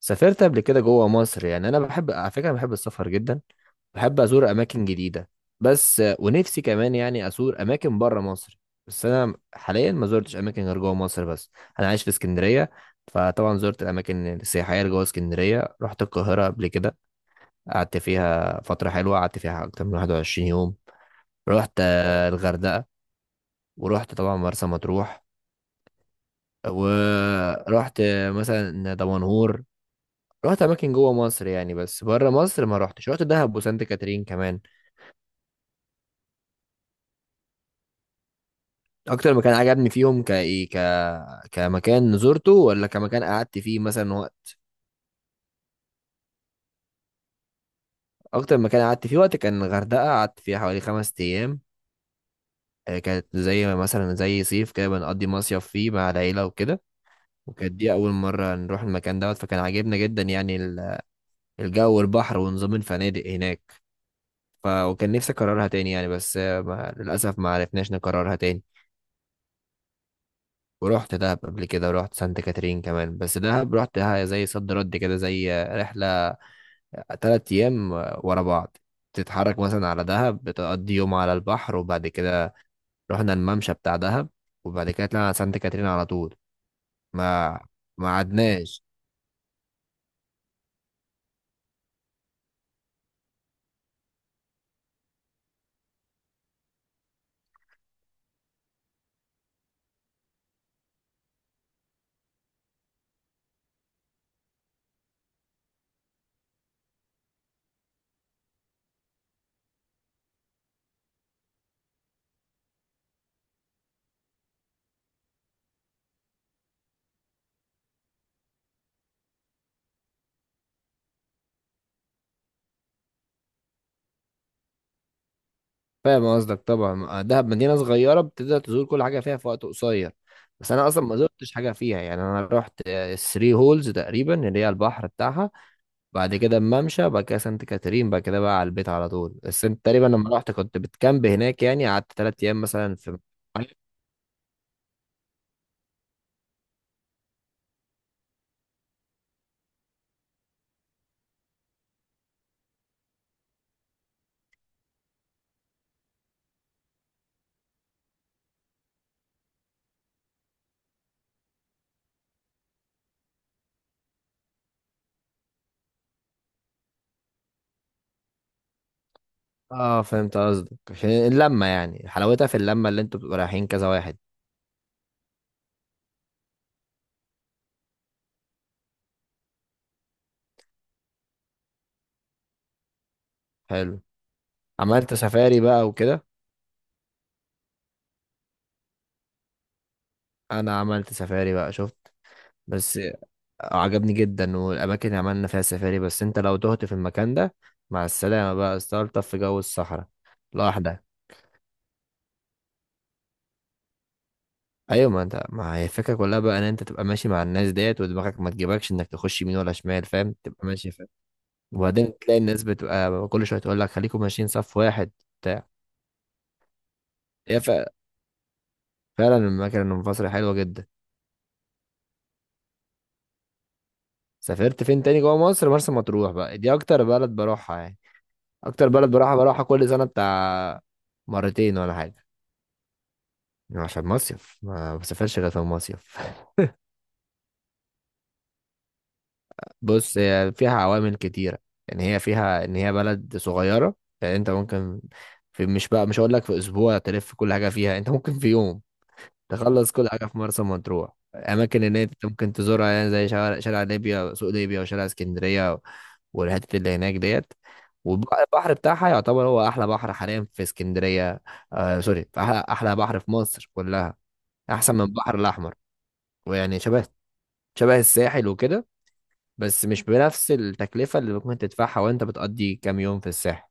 سافرت قبل كده جوه مصر، يعني انا بحب، على فكره، بحب السفر جدا. بحب ازور اماكن جديده، بس ونفسي كمان يعني ازور اماكن بره مصر. بس انا حاليا ما زرتش اماكن غير جوه مصر بس. انا عايش في اسكندريه. فطبعا زرت الاماكن السياحيه اللي جوه اسكندريه. رحت القاهره قبل كده، قعدت فيها فتره حلوه، قعدت فيها اكتر من 21 يوم. رحت الغردقه. ورحت طبعا مرسى مطروح. ورحت مثلا دمنهور. رحت اماكن جوه مصر يعني، بس بره مصر ما رحتش. رحت دهب وسانت كاترين كمان. اكتر مكان عجبني فيهم، كايه كمكان زرته، ولا كمكان قعدت فيه مثلا وقت؟ اكتر مكان قعدت فيه وقت كان الغردقه، قعدت فيها حوالي 5 ايام. كانت زي مثلا زي صيف كده، بنقضي مصيف فيه مع العيله وكده. وكانت دي اول مره نروح المكان دوت، فكان عاجبنا جدا يعني الجو والبحر ونظام الفنادق هناك. وكان نفسي اكررها تاني يعني، بس ما... للاسف ما عرفناش نكررها تاني. ورحت دهب قبل كده، ورحت سانت كاترين كمان. بس دهب رحتها زي صد رد كده، زي رحلة 3 أيام ورا بعض. تتحرك مثلا على دهب، بتقضي يوم على البحر، وبعد كده رحنا الممشى بتاع دهب. وبعد كده طلعنا على سانت كاترين على طول. ما ما عدناش. فاهم قصدك. طبعا دهب مدينة صغيرة، بتقدر تزور كل حاجة فيها في وقت قصير. بس أنا أصلا ما زرتش حاجة فيها. يعني أنا رحت الثري هولز تقريبا، اللي هي البحر بتاعها. بعد كده الممشى، بعد كده سانت كاترين، بعد كده بقى على البيت على طول. بس انت تقريبا لما رحت كنت بتكامب هناك، يعني قعدت 3 ايام مثلا في. اه، فهمت قصدك. عشان اللمة، يعني حلاوتها في اللمة، اللي انتوا بتبقوا رايحين كذا واحد. حلو. عملت سفاري بقى وكده؟ انا عملت سفاري بقى، شفت. بس، عجبني جدا، والاماكن اللي عملنا فيها سفاري. بس انت لو تهت في المكان ده، مع السلامة بقى، استلطف في جو الصحراء لوحدك. ايوه، ما انت، ما هي الفكره كلها بقى ان انت تبقى ماشي مع الناس ديت، ودماغك ما تجيبكش انك تخش يمين ولا شمال. فاهم؟ تبقى ماشي، فاهم. وبعدين تلاقي الناس بتبقى كل شويه تقول لك خليكم ماشيين صف واحد، بتاع. هي فعلا المكان المنفصل حلوه جدا. سافرت فين تاني جوه مصر؟ مرسى مطروح بقى، دي اكتر بلد بروحها يعني. اكتر بلد بروحها بروحها كل سنه، بتاع مرتين ولا حاجه. عشان مصيف، ما بسافرش غير في المصيف. بص، هي فيها عوامل كتيرة. يعني هي فيها ان هي بلد صغيرة، يعني انت ممكن، في، مش بقى، مش هقول لك في اسبوع تلف كل حاجة فيها، انت ممكن في يوم تخلص كل حاجة في مرسى مطروح. اماكن ان انت ممكن تزورها يعني زي شارع ليبيا، سوق ليبيا، وشارع اسكندرية والحتت اللي هناك ديت. والبحر بتاعها يعتبر هو احلى بحر حاليا في اسكندرية. آه، سوري، في احلى احلى بحر في مصر كلها، احسن من البحر الاحمر. ويعني شبه شبه الساحل وكده، بس مش بنفس التكلفة اللي ممكن تدفعها وانت بتقضي كام يوم في الساحل.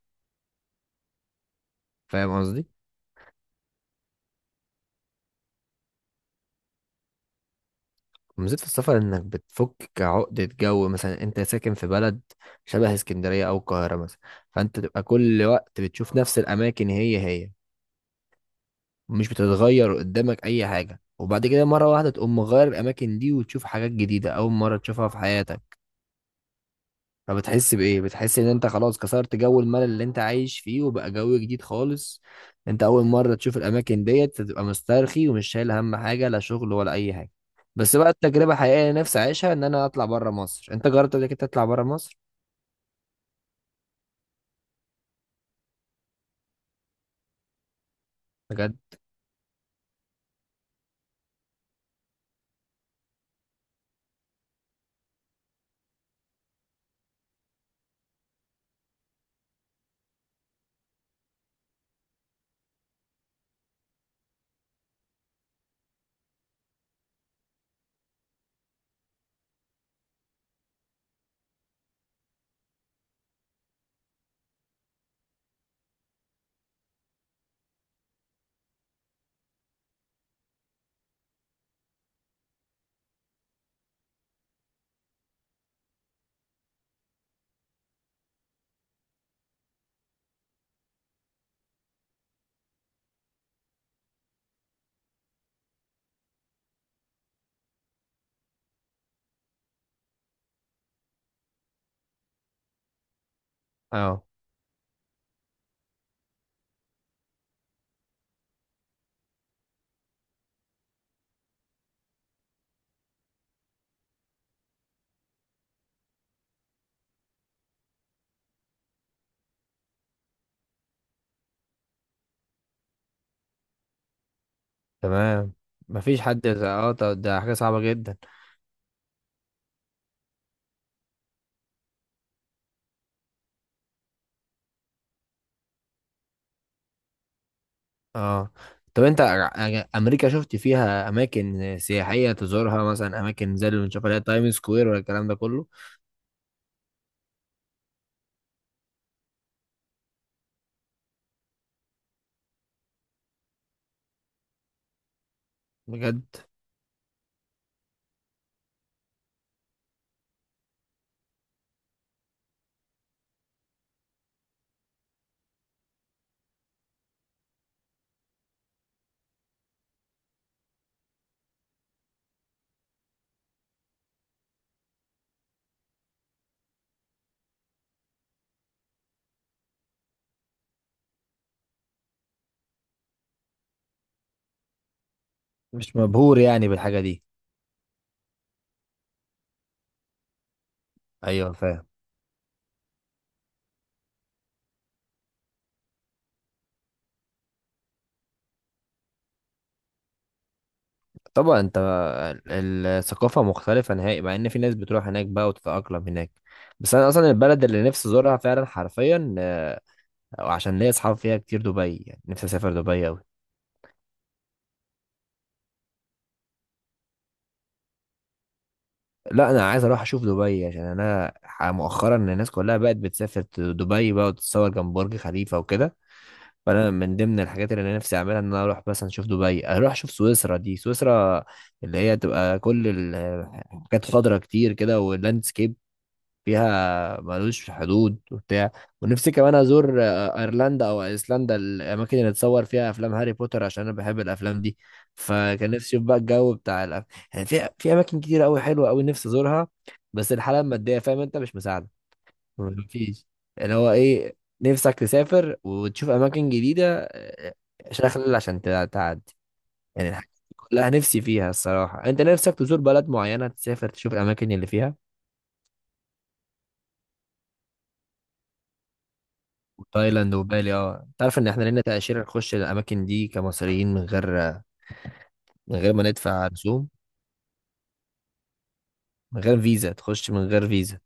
فاهم قصدي؟ ومزيد في السفر انك بتفك عقدة جو. مثلا انت ساكن في بلد شبه اسكندرية او القاهرة مثلا، فانت تبقى كل وقت بتشوف نفس الاماكن هي هي، مش بتتغير قدامك اي حاجة. وبعد كده مرة واحدة تقوم مغير الاماكن دي وتشوف حاجات جديدة اول مرة تشوفها في حياتك. فبتحس بإيه؟ بتحس إن أنت خلاص كسرت جو الملل اللي أنت عايش فيه، وبقى جو جديد خالص. أنت أول مرة تشوف الأماكن ديت، تبقى مسترخي ومش شايل هم حاجة، لا شغل ولا أي حاجة. بس بقى التجربة حقيقية اللي نفسي أعيشها، إن أنا أطلع بره مصر. أنت جربت قبل كده تطلع بره مصر؟ بجد؟ أه، تمام. مفيش حد أه، طب ده حاجة صعبة جدا. أه، طب أنت أمريكا شفت فيها أماكن سياحية تزورها، مثلا أماكن زي اللي بنشوفها اللي هي تايم سكوير ولا الكلام ده كله؟ بجد؟ مش مبهور يعني بالحاجة دي. ايوه، فاهم. طبعا انت الثقافه مختلفه نهائي، مع ان في ناس بتروح هناك بقى وتتاقلم هناك. بس انا اصلا البلد اللي نفسي ازورها فعلا حرفيا، عشان ليا اصحاب فيها كتير، دبي، يعني نفسي اسافر دبي قوي. لا، انا عايز اروح اشوف دبي عشان انا مؤخرا الناس كلها بقت بتسافر دبي بقى، وتتصور جنب برج خليفه وكده. فانا من ضمن الحاجات اللي انا نفسي اعملها ان انا اروح مثلا اشوف دبي، اروح اشوف سويسرا. دي سويسرا اللي هي تبقى كل حاجات خضرا كتير كده، واللاندسكيب فيها ملوش حدود، وبتاع. ونفسي كمان ازور ايرلندا او ايسلندا، الاماكن اللي اتصور فيها افلام هاري بوتر، عشان انا بحب الافلام دي. فكان نفسي اشوف بقى الجو بتاع يعني في اماكن كتير قوي حلوه قوي نفسي ازورها. بس الحاله الماديه، فاهم انت، مش مساعده. مفيش. اللي هو ايه، نفسك تسافر وتشوف اماكن جديده، شغل، عشان تعدي. يعني الحاجات دي كلها نفسي فيها الصراحه. انت نفسك تزور بلد معينه، تسافر تشوف الاماكن اللي فيها. وتايلاند وبالي؟ اه، انت عارف ان احنا لنا تأشيرة نخش الاماكن دي كمصريين من غير ما ندفع رسوم. من غير فيزا، تخش من غير فيزا،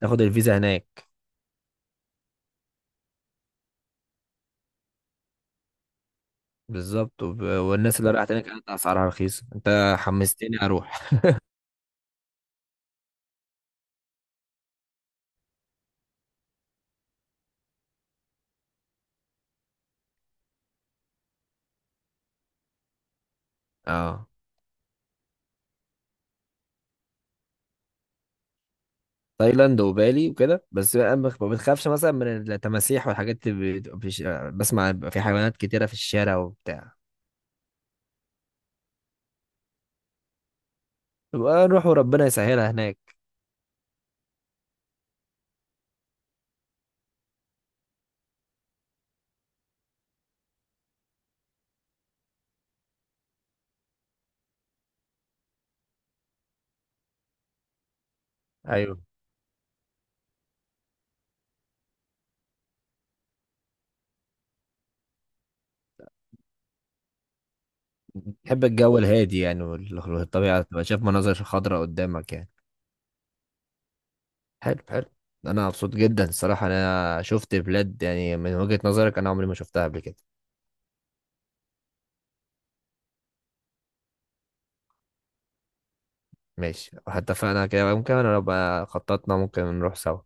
تاخد الفيزا هناك. بالظبط. والناس اللي راحت هناك كانت اسعارها رخيصه، انت حمستني اروح. اه، تايلاند وبالي وكده، بس بقى ما بتخافش مثلا من التماسيح والحاجات اللي بسمع بيبقى في حيوانات كتيره في الشارع وبتاع. يبقى نروح وربنا يسهلها هناك. ايوه، بحب الجو الهادي يعني، والطبيعه تبقى شايف مناظر خضراء قدامك يعني. حلو، حلو. انا مبسوط جدا الصراحه، انا شفت بلاد يعني من وجهة نظرك انا عمري ما شفتها قبل كده. ماشي، حتى فانا كده ممكن، انا لو بقى خططنا ممكن نروح سوا.